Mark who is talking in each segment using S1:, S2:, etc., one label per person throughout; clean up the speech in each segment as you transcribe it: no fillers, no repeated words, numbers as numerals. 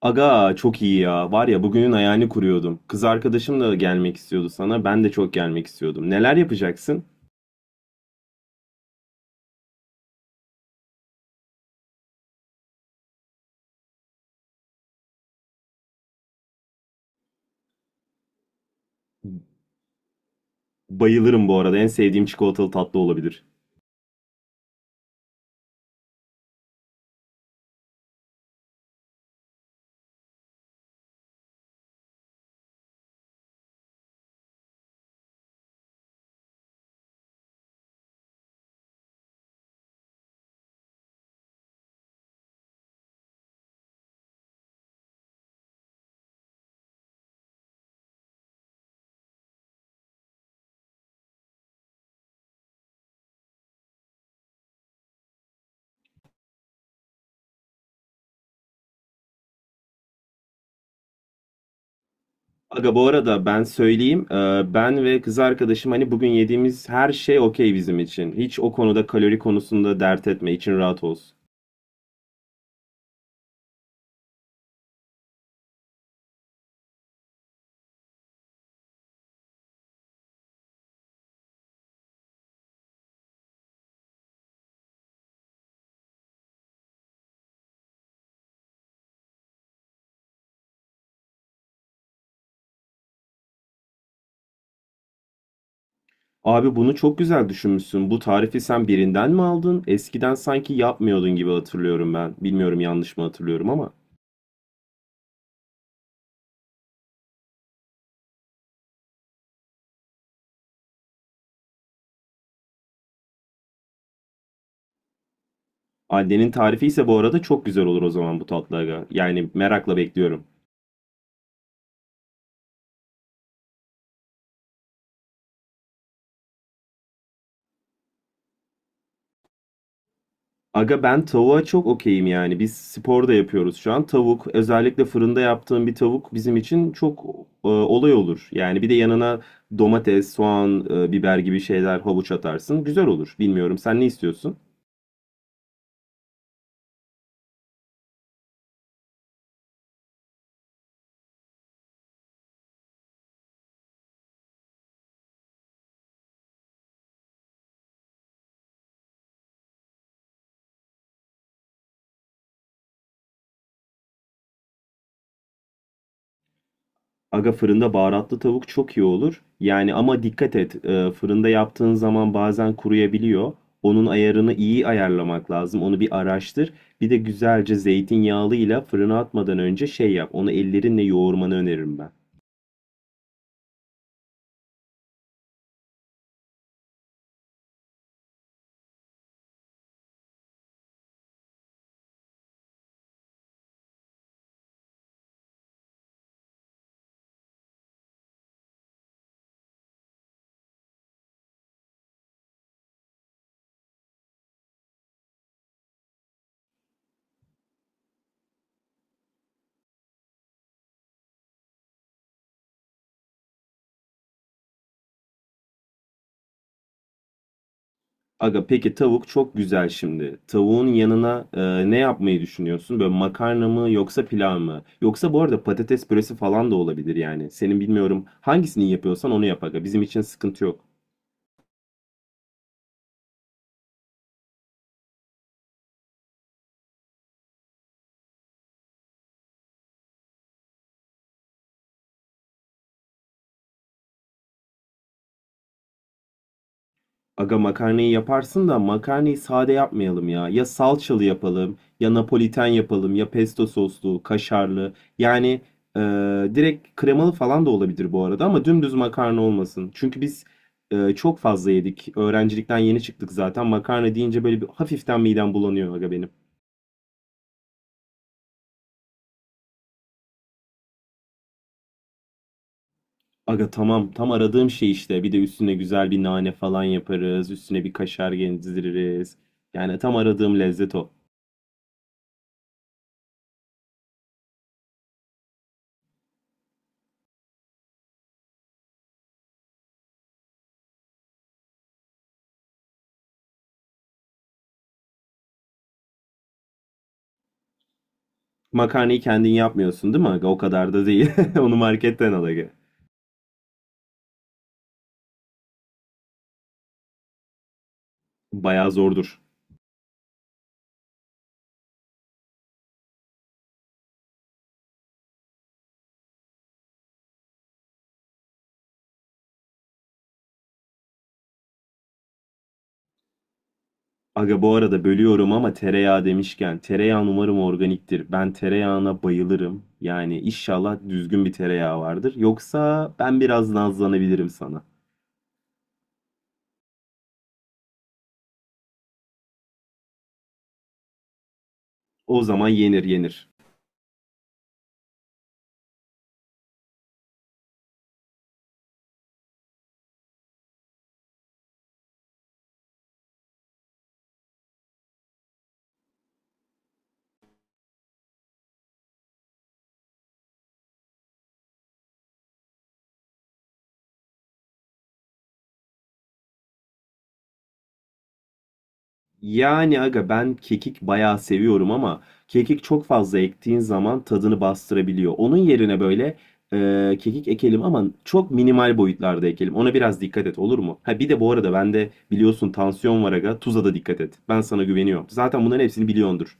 S1: Aga çok iyi ya. Var ya bugünün ayağını kuruyordum. Kız arkadaşım da gelmek istiyordu sana. Ben de çok gelmek istiyordum. Neler yapacaksın? Bayılırım bu arada. En sevdiğim çikolatalı tatlı olabilir. Aga bu arada ben söyleyeyim. Ben ve kız arkadaşım hani bugün yediğimiz her şey okey bizim için. Hiç o konuda kalori konusunda dert etme. İçin rahat olsun. Abi bunu çok güzel düşünmüşsün. Bu tarifi sen birinden mi aldın? Eskiden sanki yapmıyordun gibi hatırlıyorum ben. Bilmiyorum yanlış mı hatırlıyorum ama. Annenin tarifi ise bu arada çok güzel olur o zaman bu tatlı aga. Yani merakla bekliyorum. Aga ben tavuğa çok okeyim yani. Biz spor da yapıyoruz şu an. Tavuk, özellikle fırında yaptığım bir tavuk bizim için çok olay olur. Yani bir de yanına domates, soğan, biber gibi şeyler, havuç atarsın. Güzel olur. Bilmiyorum sen ne istiyorsun? Aga fırında baharatlı tavuk çok iyi olur. Yani ama dikkat et, fırında yaptığın zaman bazen kuruyabiliyor. Onun ayarını iyi ayarlamak lazım. Onu bir araştır. Bir de güzelce zeytinyağlıyla fırına atmadan önce şey yap. Onu ellerinle yoğurmanı öneririm ben. Aga peki tavuk çok güzel şimdi. Tavuğun yanına ne yapmayı düşünüyorsun? Böyle makarna mı yoksa pilav mı? Yoksa bu arada patates püresi falan da olabilir yani. Senin bilmiyorum hangisini yapıyorsan onu yap aga. Bizim için sıkıntı yok. Aga makarnayı yaparsın da makarnayı sade yapmayalım ya. Ya salçalı yapalım, ya napoliten yapalım, ya pesto soslu, kaşarlı. Yani e, direkt kremalı falan da olabilir bu arada ama dümdüz makarna olmasın. Çünkü biz çok fazla yedik. Öğrencilikten yeni çıktık zaten. Makarna deyince böyle bir hafiften midem bulanıyor aga benim. Aga tamam, tam aradığım şey işte. Bir de üstüne güzel bir nane falan yaparız. Üstüne bir kaşar gezdiririz. Yani tam aradığım lezzet o. Makarnayı kendin yapmıyorsun değil mi aga? O kadar da değil. Onu marketten al aga. Bayağı zordur. Aga bu arada bölüyorum ama tereyağı demişken tereyağın umarım organiktir. Ben tereyağına bayılırım. Yani inşallah düzgün bir tereyağı vardır. Yoksa ben biraz nazlanabilirim sana. O zaman yenir yenir. Yani aga ben kekik bayağı seviyorum ama kekik çok fazla ektiğin zaman tadını bastırabiliyor. Onun yerine böyle kekik ekelim ama çok minimal boyutlarda ekelim. Ona biraz dikkat et olur mu? Ha bir de bu arada bende biliyorsun tansiyon var aga. Tuza da dikkat et. Ben sana güveniyorum. Zaten bunların hepsini biliyordur.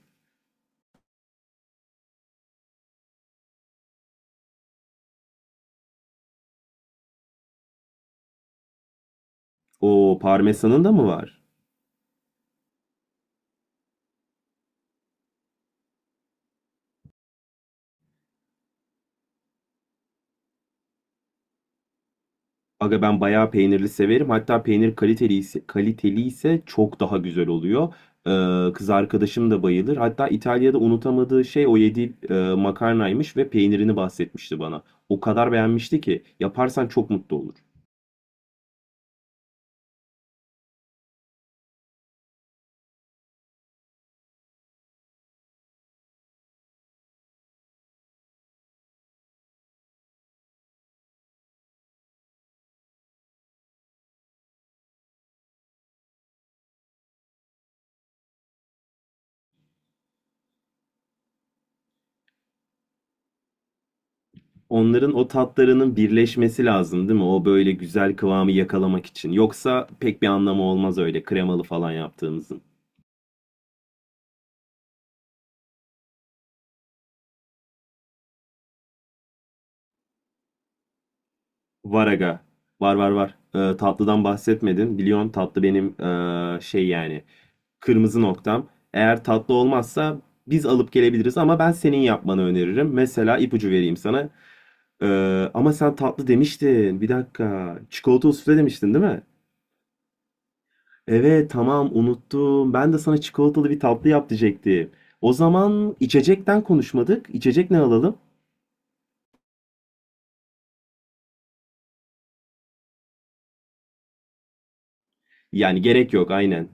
S1: O parmesanın da mı var? Aga ben bayağı peynirli severim. Hatta peynir kaliteli ise, kaliteli ise çok daha güzel oluyor. Kız arkadaşım da bayılır. Hatta İtalya'da unutamadığı şey o yediği makarnaymış ve peynirini bahsetmişti bana. O kadar beğenmişti ki yaparsan çok mutlu olur. Onların o tatlarının birleşmesi lazım, değil mi? O böyle güzel kıvamı yakalamak için. Yoksa pek bir anlamı olmaz öyle kremalı falan yaptığımızın. Var aga. Var, var, var. Tatlıdan bahsetmedin. Biliyorsun tatlı benim şey yani. Kırmızı noktam. Eğer tatlı olmazsa biz alıp gelebiliriz ama ben senin yapmanı öneririm. Mesela ipucu vereyim sana. Ama sen tatlı demiştin. Bir dakika. Çikolatalı sufle demiştin değil mi? Evet tamam unuttum. Ben de sana çikolatalı bir tatlı yap diyecektim. O zaman içecekten konuşmadık. İçecek ne alalım? Yani gerek yok aynen.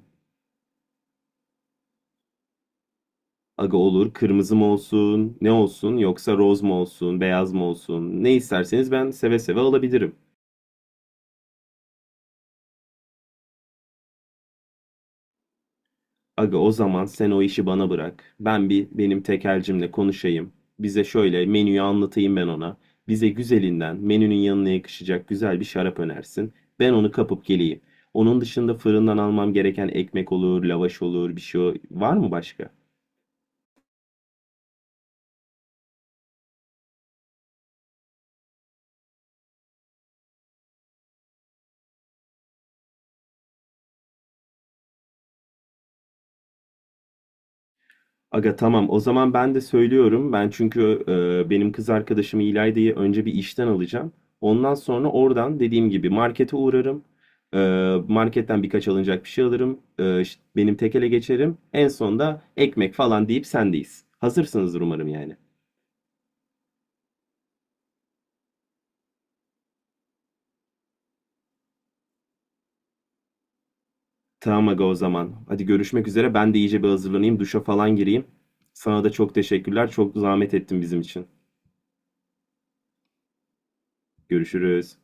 S1: Aga olur, kırmızı mı olsun ne olsun, yoksa roz mu olsun beyaz mı olsun, ne isterseniz ben seve seve alabilirim. Aga o zaman sen o işi bana bırak. Ben bir benim tekelcimle konuşayım. Bize şöyle menüyü anlatayım ben ona. Bize güzelinden menünün yanına yakışacak güzel bir şarap önersin. Ben onu kapıp geleyim. Onun dışında fırından almam gereken ekmek olur, lavaş olur, bir şey var mı başka? Aga tamam o zaman ben de söylüyorum. Ben çünkü benim kız arkadaşım İlayda'yı önce bir işten alacağım. Ondan sonra oradan dediğim gibi markete uğrarım. E, marketten birkaç alınacak bir şey alırım. E, işte benim tekele geçerim. En sonda ekmek falan deyip sendeyiz. Hazırsınızdır umarım yani. Tamam aga o zaman. Hadi görüşmek üzere. Ben de iyice bir hazırlanayım. Duşa falan gireyim. Sana da çok teşekkürler. Çok zahmet ettin bizim için. Görüşürüz.